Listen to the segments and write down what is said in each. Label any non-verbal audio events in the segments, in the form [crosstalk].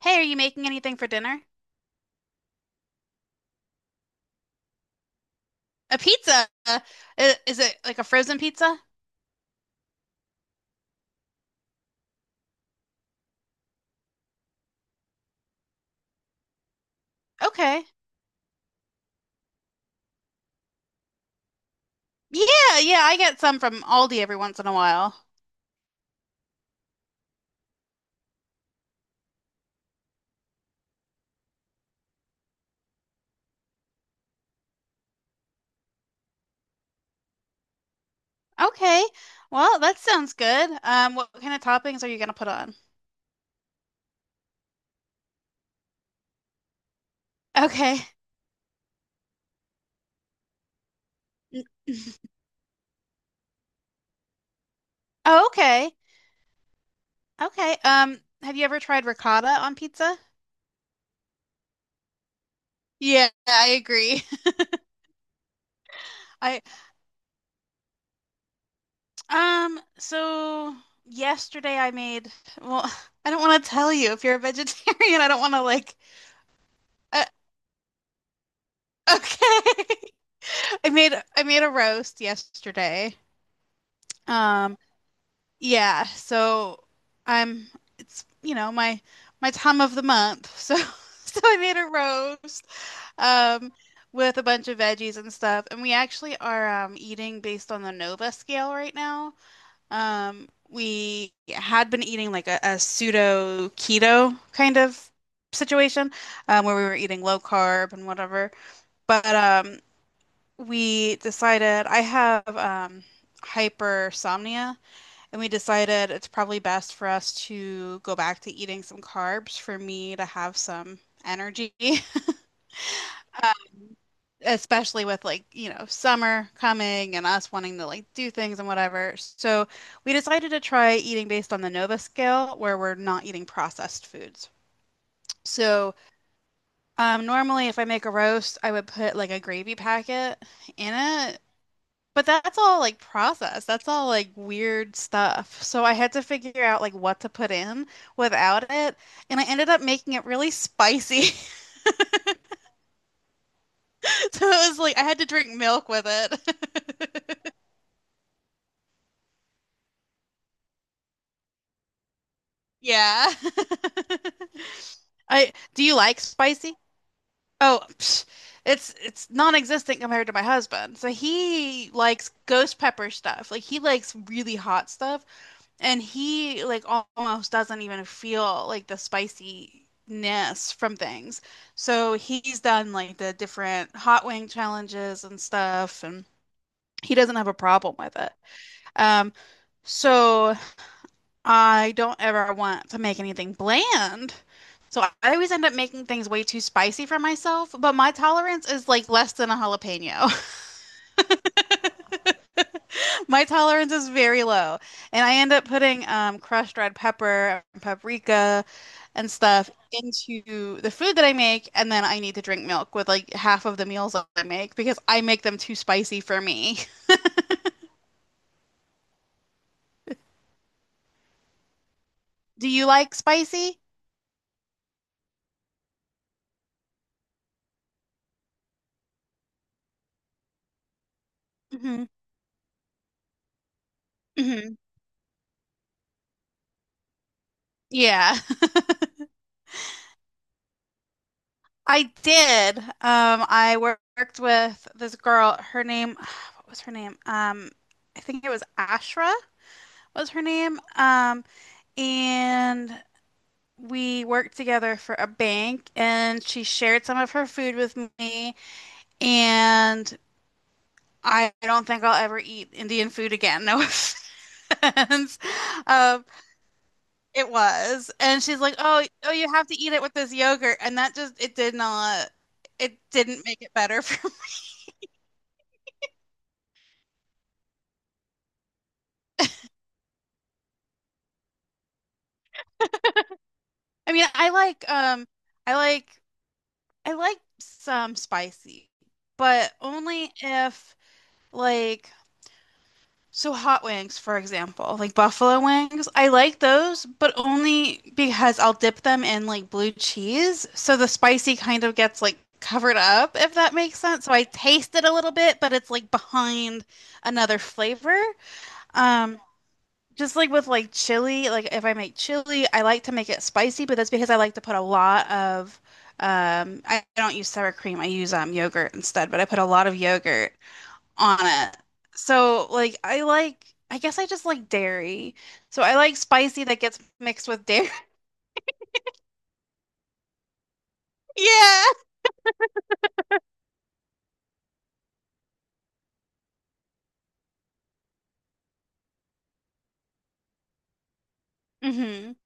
Hey, are you making anything for dinner? A pizza? Is it like a frozen pizza? Okay. Yeah, yeah, I get some from Aldi every once in a while. Okay. Well, that sounds good. What kind of toppings are you gonna put on? Okay. N- [laughs] Oh, okay. Okay. Have you ever tried ricotta on pizza? Yeah, I agree. [laughs] I so yesterday I made, well, [laughs] I don't want to tell you if you're a vegetarian. I don't want to uh, okay. [laughs] I made a roast yesterday. Um, yeah, so I'm it's you know my my time of the month. So [laughs] so I made a roast um with a bunch of veggies and stuff, and we actually are eating based on the Nova scale right now. We had been eating like a pseudo keto kind of situation, where we were eating low carb and whatever. But we decided I have hypersomnia, and we decided it's probably best for us to go back to eating some carbs for me to have some energy, [laughs] especially with like, you know, summer coming and us wanting to like do things and whatever. So we decided to try eating based on the Nova scale, where we're not eating processed foods. So, normally if I make a roast, I would put like a gravy packet in it. But that's all like process. That's all like weird stuff. So I had to figure out like what to put in without it. And I ended up making it really spicy. [laughs] So it was like I had to drink milk with it. [laughs] Yeah. [laughs] I do you like spicy? Oh, psh, it's non-existent compared to my husband. So he likes ghost pepper stuff. Like he likes really hot stuff. And he like almost doesn't even feel like the spiciness from things. So he's done like the different hot wing challenges and stuff, and he doesn't have a problem with it. Um, so I don't ever want to make anything bland. So I always end up making things way too spicy for myself, but my tolerance is like less than a jalapeno. [laughs] My tolerance is very low, and I end up putting crushed red pepper and paprika and stuff into the food that I make, and then I need to drink milk with like half of the meals that I make because I make them too spicy for me. [laughs] Do you like spicy? Hmm. Hmm. Yeah, [laughs] I did. I worked with this girl. Her name, [sighs] what was her name? I think it was Ashra was her name. And we worked together for a bank and she shared some of her food with me and I don't think I'll ever eat Indian food again. No offense. [laughs] Um, it was. And she's like, "Oh, oh, you have to eat it with this yogurt." And that just it did not, it didn't make it better [laughs] for me. I mean, I like I I like some spicy, but only if like. So hot wings, for example, like buffalo wings, I like those, but only because I'll dip them in like blue cheese. So the spicy kind of gets like covered up, if that makes sense. So I taste it a little bit, but it's like behind another flavor. Um, just like with like chili, like if I make chili, I like to make it spicy, but that's because I like to put a lot of I don't use sour cream. I use yogurt instead, but I put a lot of yogurt on it. So like I I guess I just like dairy. So I like spicy that gets mixed with dairy. [laughs] Yeah. Hmm.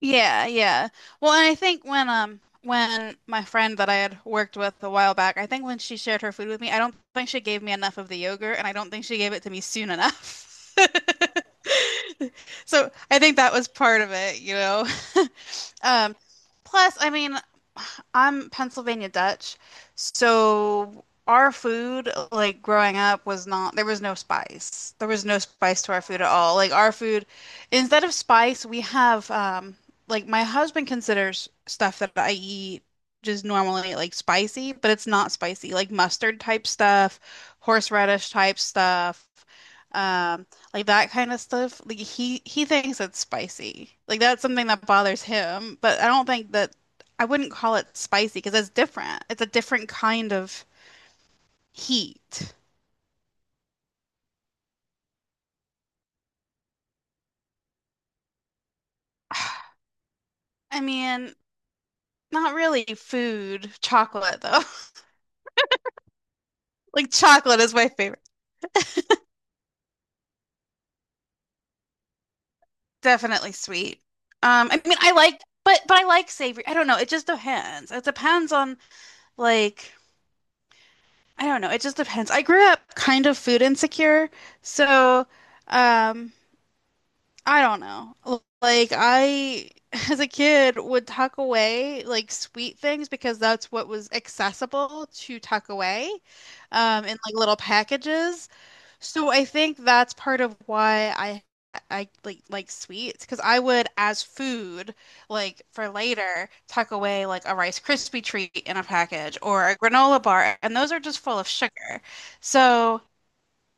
Yeah, yeah. Well, and I think when my friend that I had worked with a while back, I think when she shared her food with me, I don't think she gave me enough of the yogurt and I don't think she gave it to me soon enough. [laughs] So I think that was part of it. [laughs] Um plus I mean I'm Pennsylvania Dutch, so our food, like growing up, was not, there was no spice. There was no spice to our food at all. Like our food, instead of spice, we have, like my husband considers stuff that I eat just normally like spicy, but it's not spicy, like mustard type stuff, horseradish type stuff, um, like that kind of stuff. Like he thinks it's spicy. Like that's something that bothers him, but I don't think that. I wouldn't call it spicy because it's different. It's a different kind of heat. I mean, not really food, chocolate though. [laughs] Like chocolate is my favorite. Definitely sweet. I mean, I like, but I like savory. I don't know. It just depends. It depends on like I don't know. It just depends. I grew up kind of food insecure, so um, I don't know. L- Like I, [laughs] as a kid, would tuck away like sweet things because that's what was accessible to tuck away, in like little packages. So I think that's part of why I like sweets because I would as food like for later tuck away like a Rice Krispie treat in a package or a granola bar, and those are just full of sugar. So.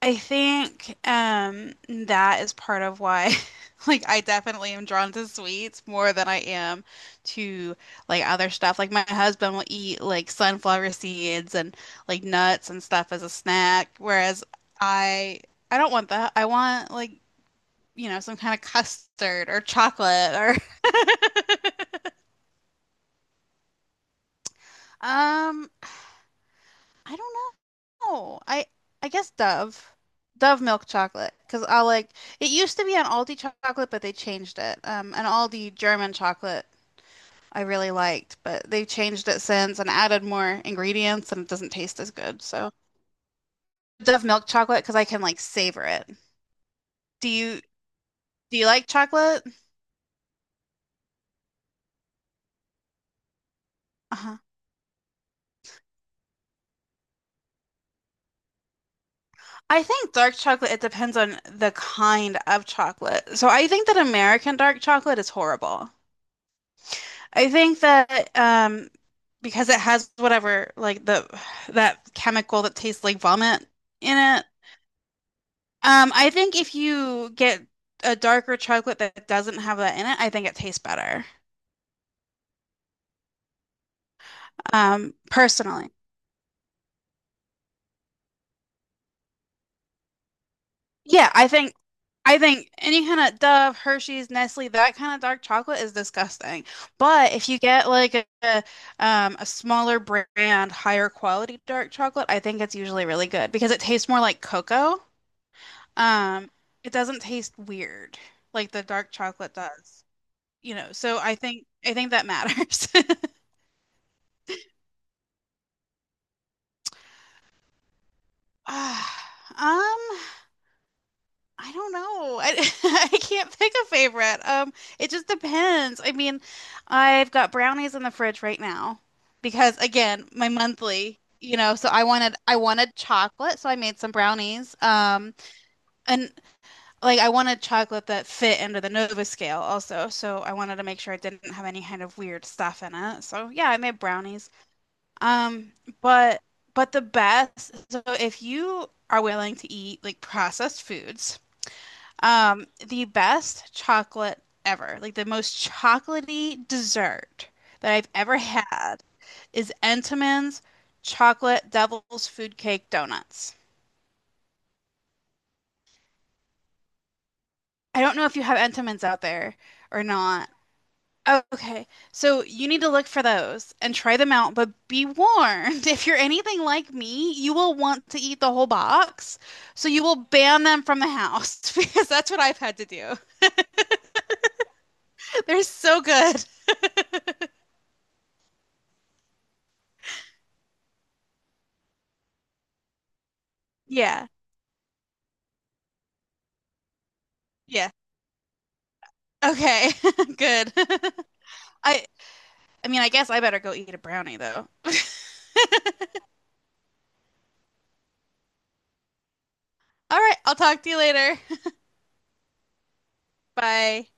I think that is part of why [laughs] like I definitely am drawn to sweets more than I am to like other stuff. Like my husband will eat like sunflower seeds and like nuts and stuff as a snack, whereas I I don't want that. I want like, you know, some kind of custard or chocolate or [laughs] um I don't know. I guess Dove. Dove milk chocolate cuz I like it used to be an Aldi chocolate but they changed it. Um, an Aldi German chocolate I really liked, but they've changed it since and added more ingredients and it doesn't taste as good. So Dove milk chocolate cuz I can like savor it. Do you do you like chocolate? Uh-huh. I think dark chocolate, it depends on the kind of chocolate. So I think that American dark chocolate is horrible. I think that because it has whatever like the that chemical that tastes like vomit in it. I think if you get a darker chocolate that doesn't have that in it, I think it tastes better. Personally. Yeah, I think any kind of Dove, Hershey's, Nestle, that kind of dark chocolate is disgusting. But if you get like a smaller brand, higher quality dark chocolate, I think it's usually really good because it tastes more like cocoa. Um, it doesn't taste weird like the dark chocolate does, you know. So I think that matters. [laughs] Ah, I don't know. I, [laughs] I can't pick a favorite. It just depends. I mean, I've got brownies in the fridge right now because again, my monthly, you know, so I wanted chocolate, so I made some brownies. And like I wanted chocolate that fit into the Nova scale also, so I wanted to make sure it didn't have any kind of weird stuff in it. So yeah, I made brownies. Um, but the best, so if you are willing to eat like processed foods, the best chocolate ever, like the most chocolatey dessert that I've ever had is Entenmann's chocolate devil's food cake donuts. I don't know if you have Entenmann's out there or not. Okay, so you need to look for those and try them out, but be warned, [laughs] if you're anything like me, you will want to eat the whole box. So you will ban them from the house [laughs] because that's what I've had to do. [laughs] They're so good. Yeah. Yeah. Okay. [laughs] Good. [laughs] I I mean, I guess I better go eat a brownie though. All right, I'll talk to you later. [laughs] Bye.